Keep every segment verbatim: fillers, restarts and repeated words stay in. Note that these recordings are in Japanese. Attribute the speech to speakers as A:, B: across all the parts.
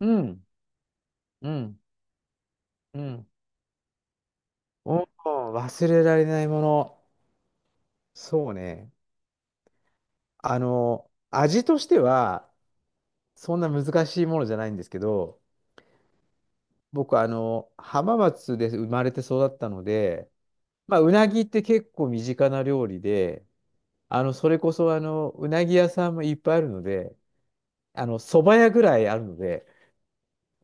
A: うん、うん、うん。おー、忘れられないもの。そうね。あの、味としては、そんな難しいものじゃないんですけど、僕、あの、浜松で生まれて育ったので、まあ、うなぎって結構身近な料理で、あの、それこそ、あの、うなぎ屋さんもいっぱいあるので、あの、蕎麦屋ぐらいあるので、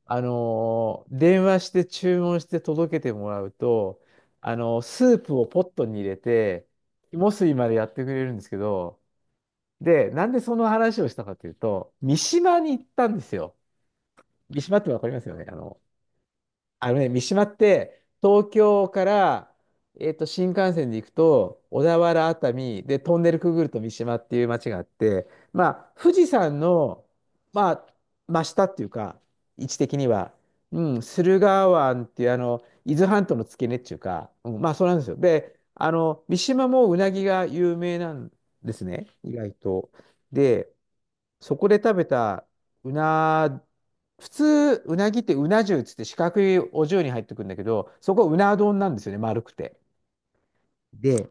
A: あのー電話して注文して届けてもらうと、あのースープをポットに入れて、肝水いまでやってくれるんですけど、で、なんでその話をしたかというと、三島に行ったんですよ。三島ってわかりますよね。あの、あのね、三島って、東京から、えっと、新幹線で行くと、小田原、熱海、で、トンネルくぐると三島っていう町があって、まあ、富士山の、まあ、真下っていうか、位置的には、うん、駿河湾っていう、あの、伊豆半島の付け根っていうか、うん、まあ、そうなんですよ。で、あの、三島もうなぎが有名なんですね、意外と。で、そこで食べたうな、普通、うなぎってうな重っつって四角いお重に入ってくるんだけど、そこうな丼なんですよね、丸くて。で、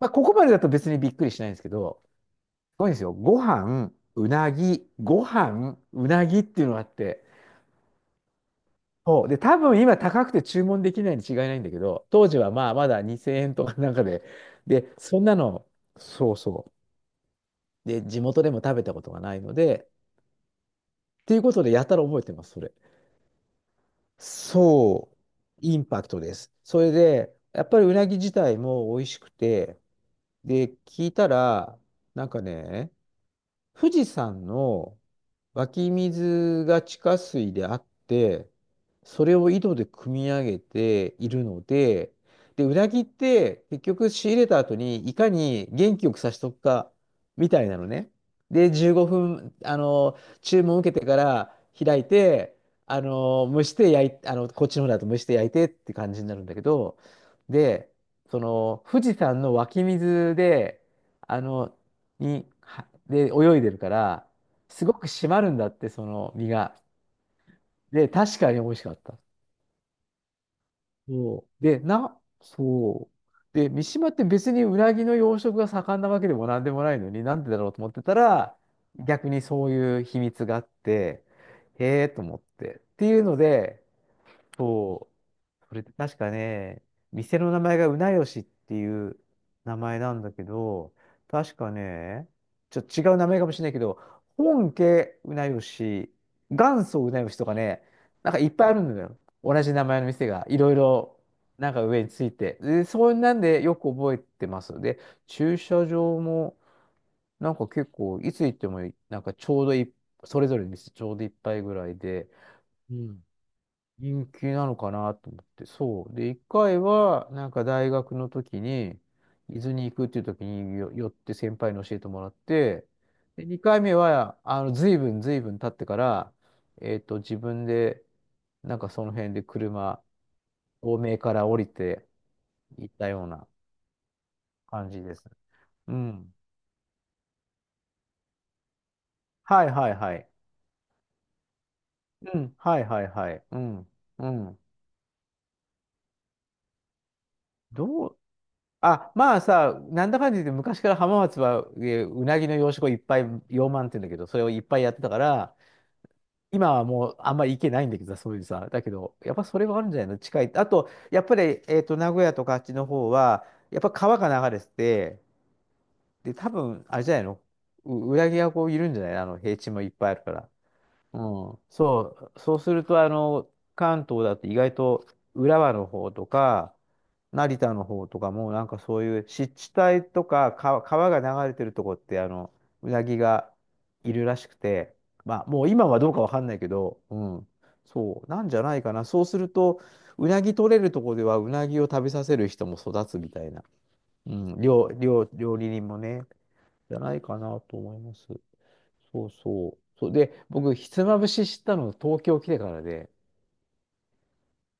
A: まあ、ここまでだと別にびっくりしないんですけど、すごいんですよ。ご飯、うなぎ、ご飯、うなぎっていうのがあって、そう。で、多分今高くて注文できないに違いないんだけど、当時はまあまだにせんえんとかなんかで、で、そんなの、そうそう。で、地元でも食べたことがないので、っていうことでやたら覚えてます、それ。そう、インパクトです。それで、やっぱりうなぎ自体も美味しくて、で、聞いたら、なんかね、富士山の湧き水が地下水であって、それを井戸で汲み上げているので、で、うなぎって結局仕入れた後にいかに元気よくさしとくかみたいなのね。で、じゅうごふん、あの、注文受けてから開いて、あの、蒸して焼い、あの、こっちの方だと蒸して焼いてって感じになるんだけど、で、その、富士山の湧き水で、あの、に、はで、泳いでるから、すごく締まるんだって、その身が。で、確かに美味しかった。そう。で、な、そう。で、三島って別にうなぎの養殖が盛んなわけでもなんでもないのに、なんでだろうと思ってたら、逆にそういう秘密があって、へえと思って。っていうので、そう。それで確かね、店の名前がうなよしっていう名前なんだけど、確かね、ちょっと違う名前かもしれないけど、本家うなよし、元祖うなよしとかね、なんかいっぱいあるんだよ。同じ名前の店が、いろいろ、なんか上について。で、そんなんでよく覚えてます。で、駐車場も、なんか結構、いつ行っても、なんかちょうどいい、それぞれの店ちょうどいっぱいぐらいで、うん、人気なのかなと思って、そう。で、一回は、なんか大学の時に、伊豆に行くっていう時によ寄って先輩に教えてもらって、で、二回目は、あの、随分随分経ってから、えっと、自分で、なんかその辺で車、東名から降りて行ったような感じです。うん。はいはいはい。うん。はいはいはい。うん。うん。どう、あ、まあさ、なんだかんだ言って昔から浜松は、えーうなぎの養殖をいっぱい、養鰻って言うんだけど、それをいっぱいやってたから、今はもうあんまり行けないんだけどさ、そういうさ、だけど、やっぱそれはあるんじゃないの近い。あと、やっぱり、えっと、名古屋とかあっちの方は、やっぱ川が流れてて、で、多分、あれじゃないのう、うなぎがこういるんじゃないあの、平地もいっぱいあるから。うん。そう、そうすると、あの、関東だって意外と浦和の方とか、成田の方とかも、なんかそういう湿地帯とか、川、川が流れてるとこって、あの、うなぎがいるらしくて、まあ、もう今はどうかわかんないけど、うん、そう、なんじゃないかな。そうすると、うなぎ取れるとこでは、うなぎを食べさせる人も育つみたいな、うん、料、料、料理人もね、じゃないかなと思います。そうそう。そうで、僕、ひつまぶし知ったの東京来てからで、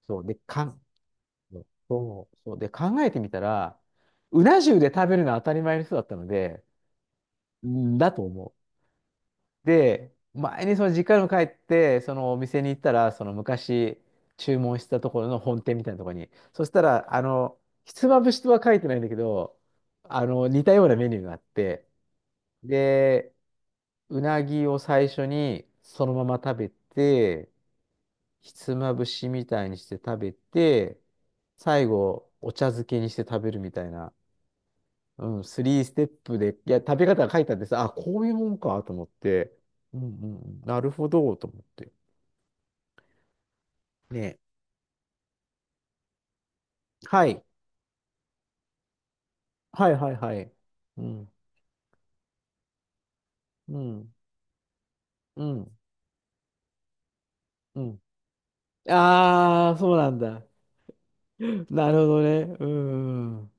A: そう、で、かん、そうそう、そうで、考えてみたら、うな重で食べるのは当たり前の人だったので、んだと思う。で、前にその実家にも帰って、そのお店に行ったら、その昔注文したところの本店みたいなところに、そしたら、あの、ひつまぶしとは書いてないんだけど、あの、似たようなメニューがあって、で、うなぎを最初にそのまま食べて、ひつまぶしみたいにして食べて、最後、お茶漬けにして食べるみたいな、うん、スリーステップで、いや、食べ方が書いてあってさ、あ、こういうもんかと思って、うんうんうん、なるほど、と思って。ね。はい。はいはいはい。うん、うん、うん、うん。ああ、そうなんだ。なるほどね。うん。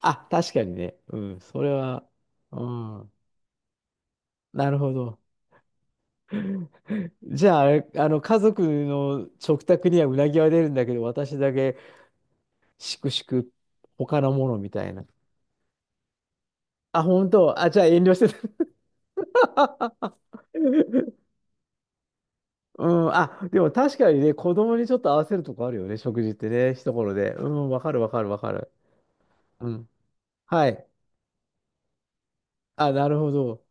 A: あ、確かにね。うん、それは、うん、なるほど。じゃあ、あれ、あの、家族の食卓にはうなぎは出るんだけど、私だけしくしく他のものみたいな。あ、本当。あ、じゃあ遠慮してた。うん。あ、でも確かにね、子供にちょっと合わせるとこあるよね、食事ってね、一頃で。うん、わかるわかるわかる。うん。はい。あ、なるほど。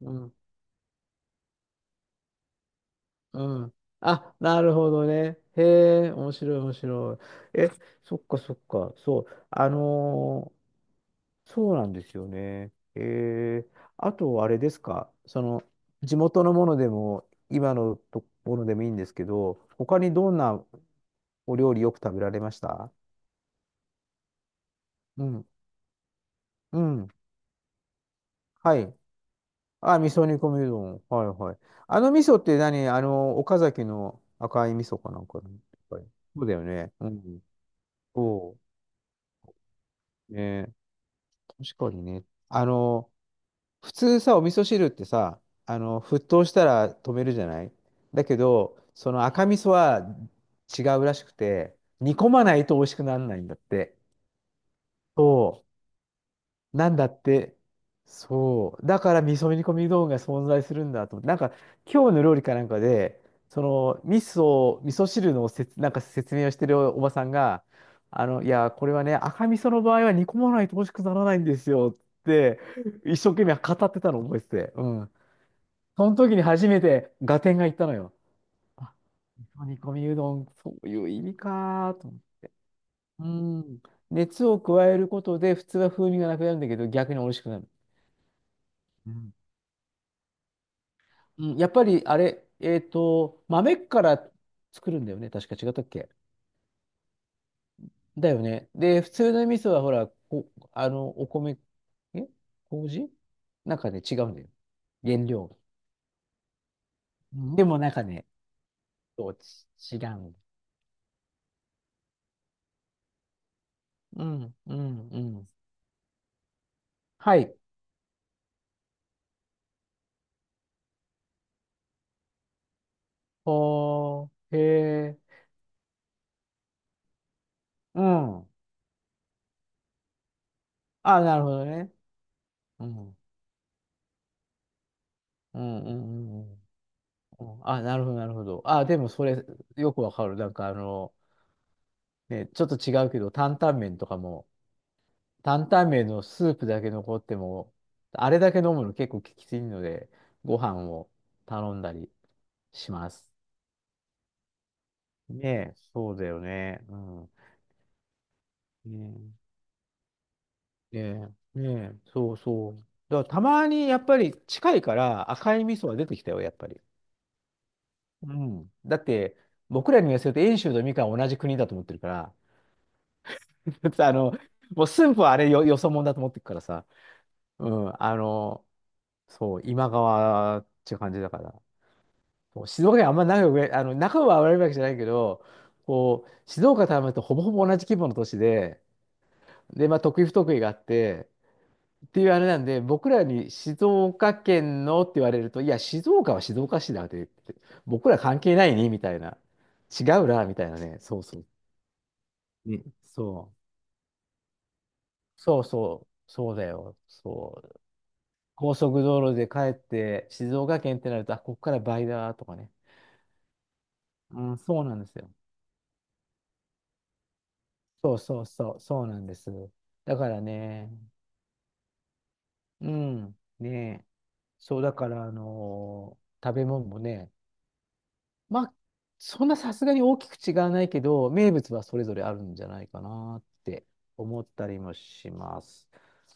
A: うん。うん。あ、なるほどね。へえ、面白い面白い。え、そっかそっか。そう。あのーそうなんですよね。えー、あと、あれですか、その、地元のものでも、今のところでもいいんですけど、他にどんなお料理よく食べられました？うん。うん。はい。あ、味噌煮込みうどん。はいはい。あの味噌って何、あの、岡崎の赤い味噌かなんかの。はい、そうだよね。うん。そう。ね、確かにね。あの、普通さ、お味噌汁ってさ、あの、沸騰したら止めるじゃない、だけど、その赤味噌は違うらしくて、煮込まないと美味しくならないんだって。そう。なんだって。そう。だから味噌煮込み道具が存在するんだと思って。なんか、今日の料理かなんかで、その、味噌、味噌汁のせつ、なんか説明をしてるおばさんが、あの、いや、これはね、赤味噌の場合は煮込まないと美味しくならないんですよって、一生懸命語ってたのを覚えてて。うん、その時に初めて合点がいったのよ。あ、煮込みうどん、そういう意味かーと思って。うん。熱を加えることで、普通は風味がなくなるんだけど、逆に美味しくなる。うん。うん、やっぱり、あれ、えっと、豆から作るんだよね。確か違ったっけ、だよね。で、普通の味噌は、ほら、こ、あの、お米、え麹なんかね、違うんだよ。原料。うん、でも、なんかね、そう、ち違う。うん、うん、うん。はい。ほーへえ、うん。あ、なるほどね。うん。うんうんうんうん。うん、あ、なるほど、なるほど。あ、でもそれ、よくわかる。なんかあの、ね、ちょっと違うけど、担々麺とかも、担々麺のスープだけ残っても、あれだけ飲むの結構きついので、ご飯を頼んだりします。ねえ、そうだよね。うん。ねえ、ねえ、ねえ、そうそう。だからたまにやっぱり近いから赤い味噌は出てきたよ、やっぱり。うん。だって、僕らに言わせると、遠州とみかんは同じ国だと思ってるから、だってあの、もう駿府はあれよ、よそ者だと思ってるからさ、うん、あの、そう、今川っていう感じだから、そう、静岡県あんま仲良く、あの、仲は悪いわけじゃないけど、こう、静岡とあんまりとほぼほぼ同じ規模の都市で、で、まあ、得意不得意があって、っていうあれなんで、僕らに静岡県のって言われると、いや、静岡は静岡市だって、僕ら関係ないね、みたいな。違うな、みたいなね。そうそう。ね、そうそうそう、そうだよ。そう。高速道路で帰って静岡県ってなると、あ、ここから倍だとかね。う。うん、そうなんですよ。そうそうそう、そうなんです。だからね、うん、ね、そうだから、あのー食べ物もね、まあ、そんなさすがに大きく違わないけど、名物はそれぞれあるんじゃないかなって思ったりもします。